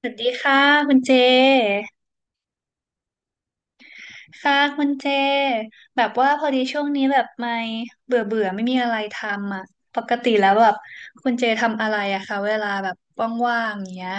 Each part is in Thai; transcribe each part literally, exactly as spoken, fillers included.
สวัสดีค่ะคุณเจค่ะคุณเจ แบบว่าพอดีช่วงนี้แบบไม่เบื่อเบื่อไม่มีอะไรทำอ่ะ ปกติแล้วแบบคุณเจทำอะไรอะคะเวลาแบบว่างๆอย่างเงี้ย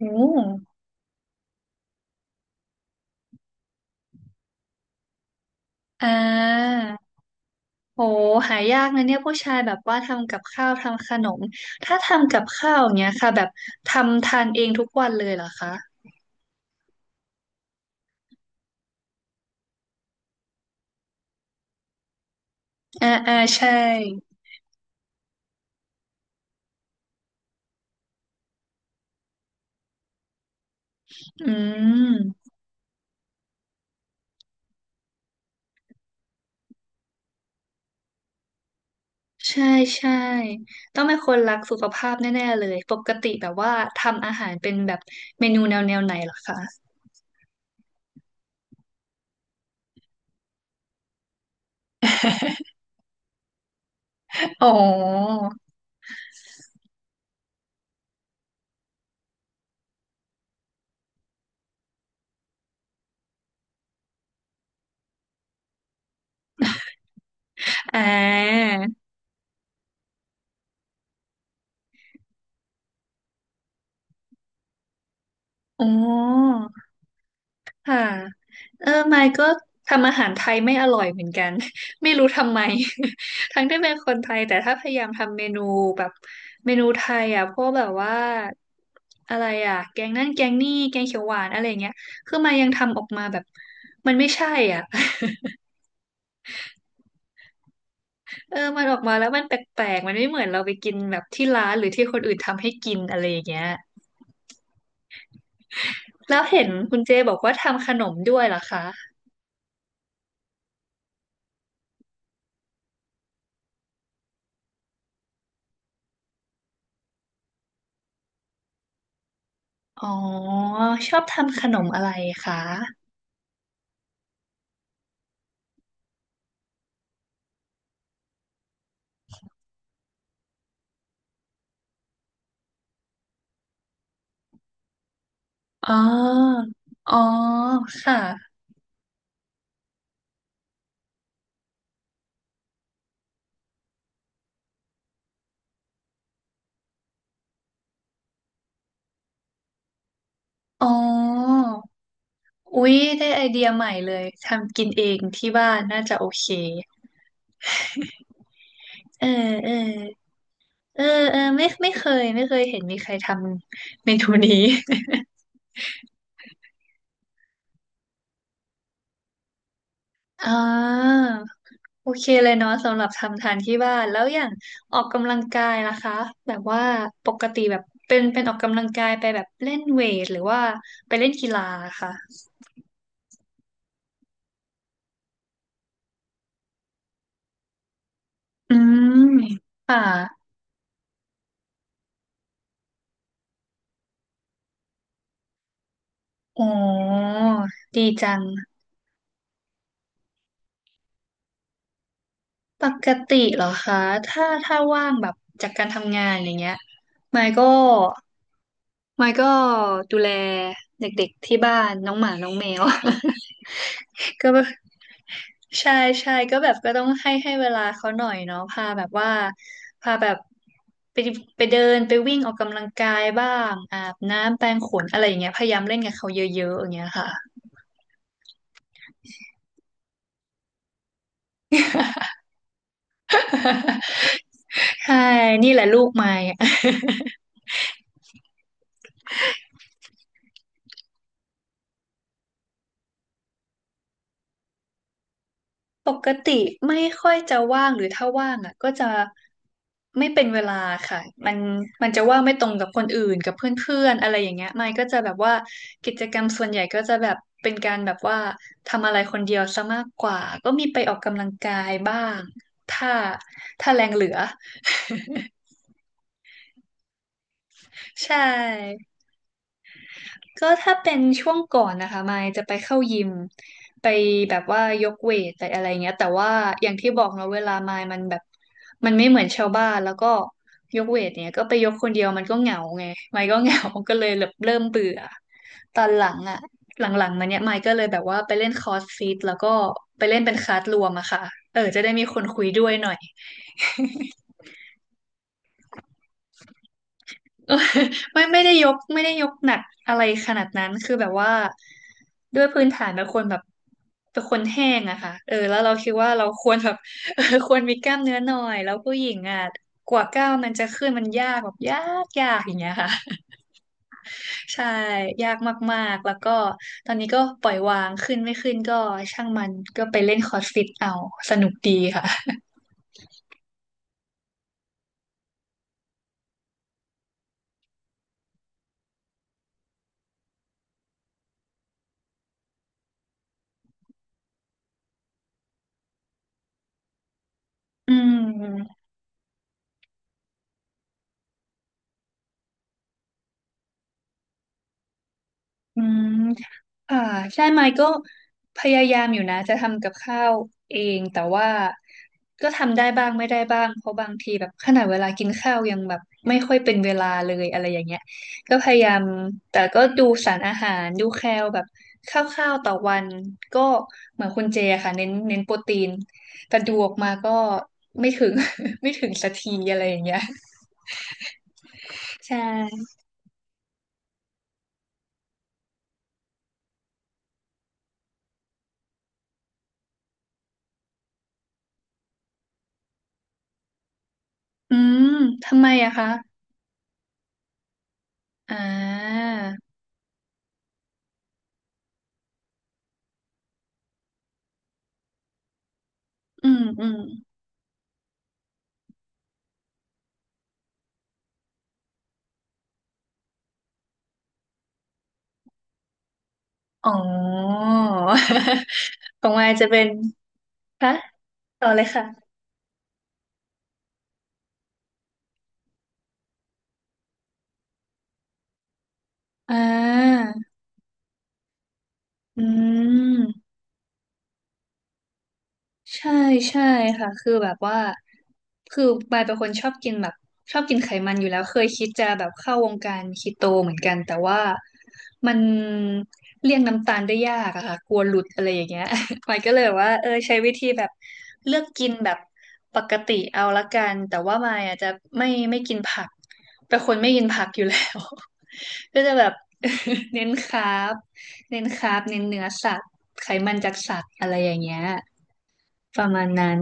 โอ้อ่าโหหายากนะเนี่ยผู้ชายแบบว่าทำกับข้าวทำขนมถ้าทำกับข้าวอย่างเงี้ยค่ะแบบทำทานเองทุกวันเลยเหรอคะอ่าอ่าใช่อืม ใช่ใช่ต้องเป็นคนรักสุขภาพแน่ๆเลยปกติแบบว่าทำอาหารเป็นแบบเมนูแนวแนวไหนเหรอคะ อ๋ออ่าอ๋อค่ะเออไมค์ก็ทำอาหารไทยไม่อร่อยเหมือนกัน ไม่รู้ทำไม ทั้งที่เป็นคนไทยแต่ถ้าพยายามทำเมนูแบบเมนูไทยอ่ะพวกแบบว่าอะไรอ่ะแกงนั่นแกงนี่แกงเขียวหวานอะไรเงี้ยคือไมายังทำออกมาแบบมันไม่ใช่อ่ะ เออ มันออกมาแล้วมันแปลกๆมันไม่เหมือนเราไปกินแบบที่ร้านหรือที่คนอื่นทำให้กินอะไรอย่างเงี้ยแล้วเห็นคุณเจบอกว่าทำขนมด้วยเหรอคะอ๋อ ชอบทำขนมอะไรคะอ๋ออ๋อค่ะอ๋ออุ๊ยได้ไอเดียใหม่เลยทำกินเองที่บ้านน่าจะโอเคเออเออเออเออไม่ไม่เคยไม่เคยเห็นมีใครทำเมนูนี้ อ่าโอเคเลยเนาะสำหรับทำทานที่บ้านแล้วอย่างออกกำลังกายล่ะคะแบบว่าปกติแบบเป็นเป็นออกกำลังกายไปแบบเล่นเวทหรือว่าไปเล่นกีฬาค่ะอืมค่ะอ๋อดีจังปกติเหรอคะถ้าถ้าว่างแบบจากการทำงานอย่างเงี้ยไมค์ก็ไมค์ก็ดูแลเด็กๆที่บ้านน้องหมาน้องแมว ก็ ใช่ใช่ก็แบบก็ต้องให้ให้เวลาเขาหน่อยเนาะพาแบบว่าพาแบบไปไปเดินไปวิ่งออกกำลังกายบ้างอาบน้ำแปรงขนอะไรอย่างเงี้ยพยายามเล่นกับเขาเยอะๆอย่างเงี้ยค่ะ ใช่นี่แหละลูกไม้ ปกติไม่ค่อยจะว่างหรือถ้าว่างอ่ะก็จะไม่เป็นเวลาค่ะมันมันจะว่างไม่ตรงกับคนอื่นกับเพื่อนๆอะไรอย่างเงี้ยไม่ก็จะแบบว่ากิจกรรมส่วนใหญ่ก็จะแบบเป็นการแบบว่าทำอะไรคนเดียวซะมากกว่าก็มีไปออกกำลังกายบ้างถ้าถ้าแรงเหลือ ใช่ ก็ถ้าเป็นช่วงก่อนนะคะมายจะไปเข้ายิมไปแบบว่ายกเวทไปอะไรเงี้ยแต่ว่าอย่างที่บอกเนาะเวลามายมันแบบมันไม่เหมือนชาวบ้านแล้วก็ยกเวทเนี่ยก็ไปยกคนเดียวมันก็เหงาไงมายก็เหงา ก็เลยแบบเริ่มเบื่อตอนหลังอะหลังๆมาเนี่ยมายก็เลยแบบว่าไปเล่นคอร์สฟิตแล้วก็ไปเล่นเป็นคลาสรวมอะค่ะเออจะได้มีคนคุยด้วยหน่อย เออไม่ไม่ได้ยกไม่ได้ยกหนักอะไรขนาดนั้นคือแบบว่าด้วยพื้นฐานเป็นคนแบบเป็นคนแห้งอะค่ะเออแล้วเราคิดว่าเราควรแบบ เออควรมีกล้ามเนื้อหน่อยแล้วผู้หญิงอะกว่าก้าวมันจะขึ้นมันยากแบบยากยากอย่างเงี้ยค่ะ ใช่ยากมากๆแล้วก็ตอนนี้ก็ปล่อยวางขึ้นไม่ขึ้นก็ช่างมันก็ไปเล่นคอร์สฟิตเอาสนุกดีค่ะอืม อืมค่ะใช่ไหมก็พยายามอยู่นะจะทำกับข้าวเองแต่ว่าก็ทำได้บ้างไม่ได้บ้างเพราะบางทีแบบขนาดเวลากินข้าวยังแบบไม่ค่อยเป็นเวลาเลยอะไรอย่างเงี้ยก็พยายามแต่ก็ดูสารอาหารดูแคลแบบคร่าวๆต่อวันก็เหมือนคุณเจอะค่ะเน้นเน้นโปรตีนแต่ดูออกมาก็ไม่ถึง ไม่ถึงสักทีอะไรอย่างเงี้ยใช่อืมทำไมอะคะอ่าอืมอืม อ๋อ ของมายจะเป็นคะต่อเลยค่ะอ่าอืม ใช่ใช่ค่ะคือแบบว่าคือปายเป็นคนชอบกินแบบชอบกินไขมันอยู่แล้วเคยคิดจะแบบเข้าวงการคีโตเหมือนกันแต่ว่ามันเลี่ยงน้ำตาลได้ยากอะค่ะกลัวหลุดอะไรอย่างเงี้ย ปายก็เลยแบบว่าเออใช้วิธีแบบเลือกกินแบบปกติเอาละกันแต่ว่าปายอาจจะไม่ไม่กินผักเป็นคนไม่กินผักอยู่แล้ว ก็จะแบบ เน้นคาร์บเน้นคาร์บเน้นเนื้อสัตว์ไขมันจากสัตว์อะไรอย่างเงี้ย ประมาณนั้น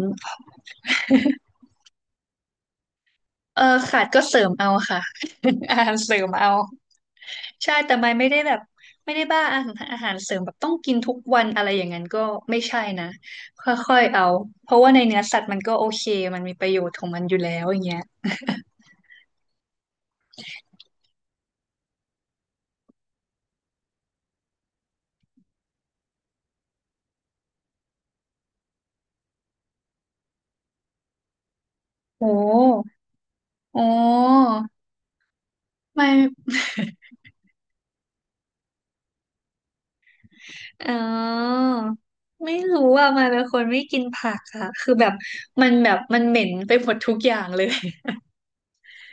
เออขาดก็เสริมเอาค่ะ อาหารเสริมเอาใช่แต่ไม่ไม่ได้แบบไม่ได้บ้าอาหารอาหารเสริมแบบต้องกินทุกวันอะไรอย่างนั้นก็ไม่ใช่นะค่อยๆเอาเพราะว่าในเนื้อสัตว์มันก็โอเคมันมีประโยชน์ของมันอยู่แล้วอย่างเงี้ยโอ้โอ้ไม่เออไม่รู้อ่ะมันเป็นคนไม่กินผักอะคือแบบมันแบบมันเหม็นไปหมดทุกอย่างเลย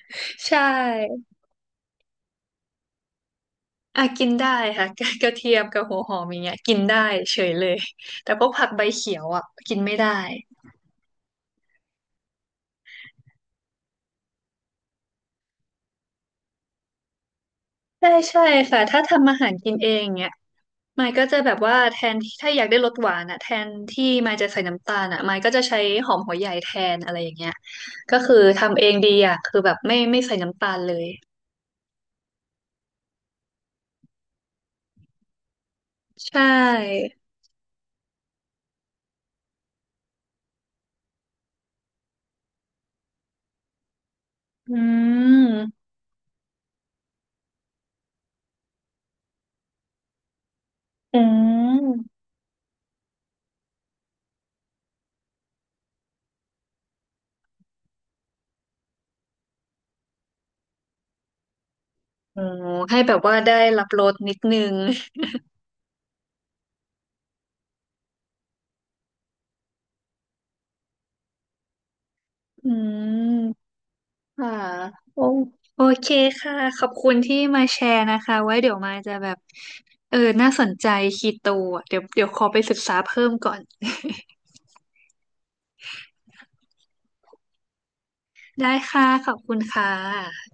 ใช่ อ่ะกินได้ค่ะ กระเทียมกับหัวหอมอย่างเงี้ยกินได้เฉยเลยแต่พวกผักใบเขียวอ่ะกินไม่ได้ใช่ใช่ค่ะถ้าทำอาหารกินเองเนี่ยมายก็จะแบบว่าแทนที่ถ้าอยากได้รสหวานอ่ะแทนที่มายจะใส่น้ำตาลอ่ะมายก็จะใช้หอมหัวใหญ่แทนอะไรอย่างเงี้ยก็คือทำเองดีอ่ะคือแบบไม่ไม่ใส่น้ำตาลเลยใช่อืมอืมโอ้ให้แบบว่าได้รับรสนิดนึงอืม ค่ะโอโอเคค่ะขอบคุณที่มาแชร์นะคะไว้เดี๋ยวมาจะแบบเออน่าสนใจคีโตอ่ะเดี๋ยวเดี๋ยวขอไปศึกษาเพิ่มก่อน ได้ค่ะขอบคุณค่ะ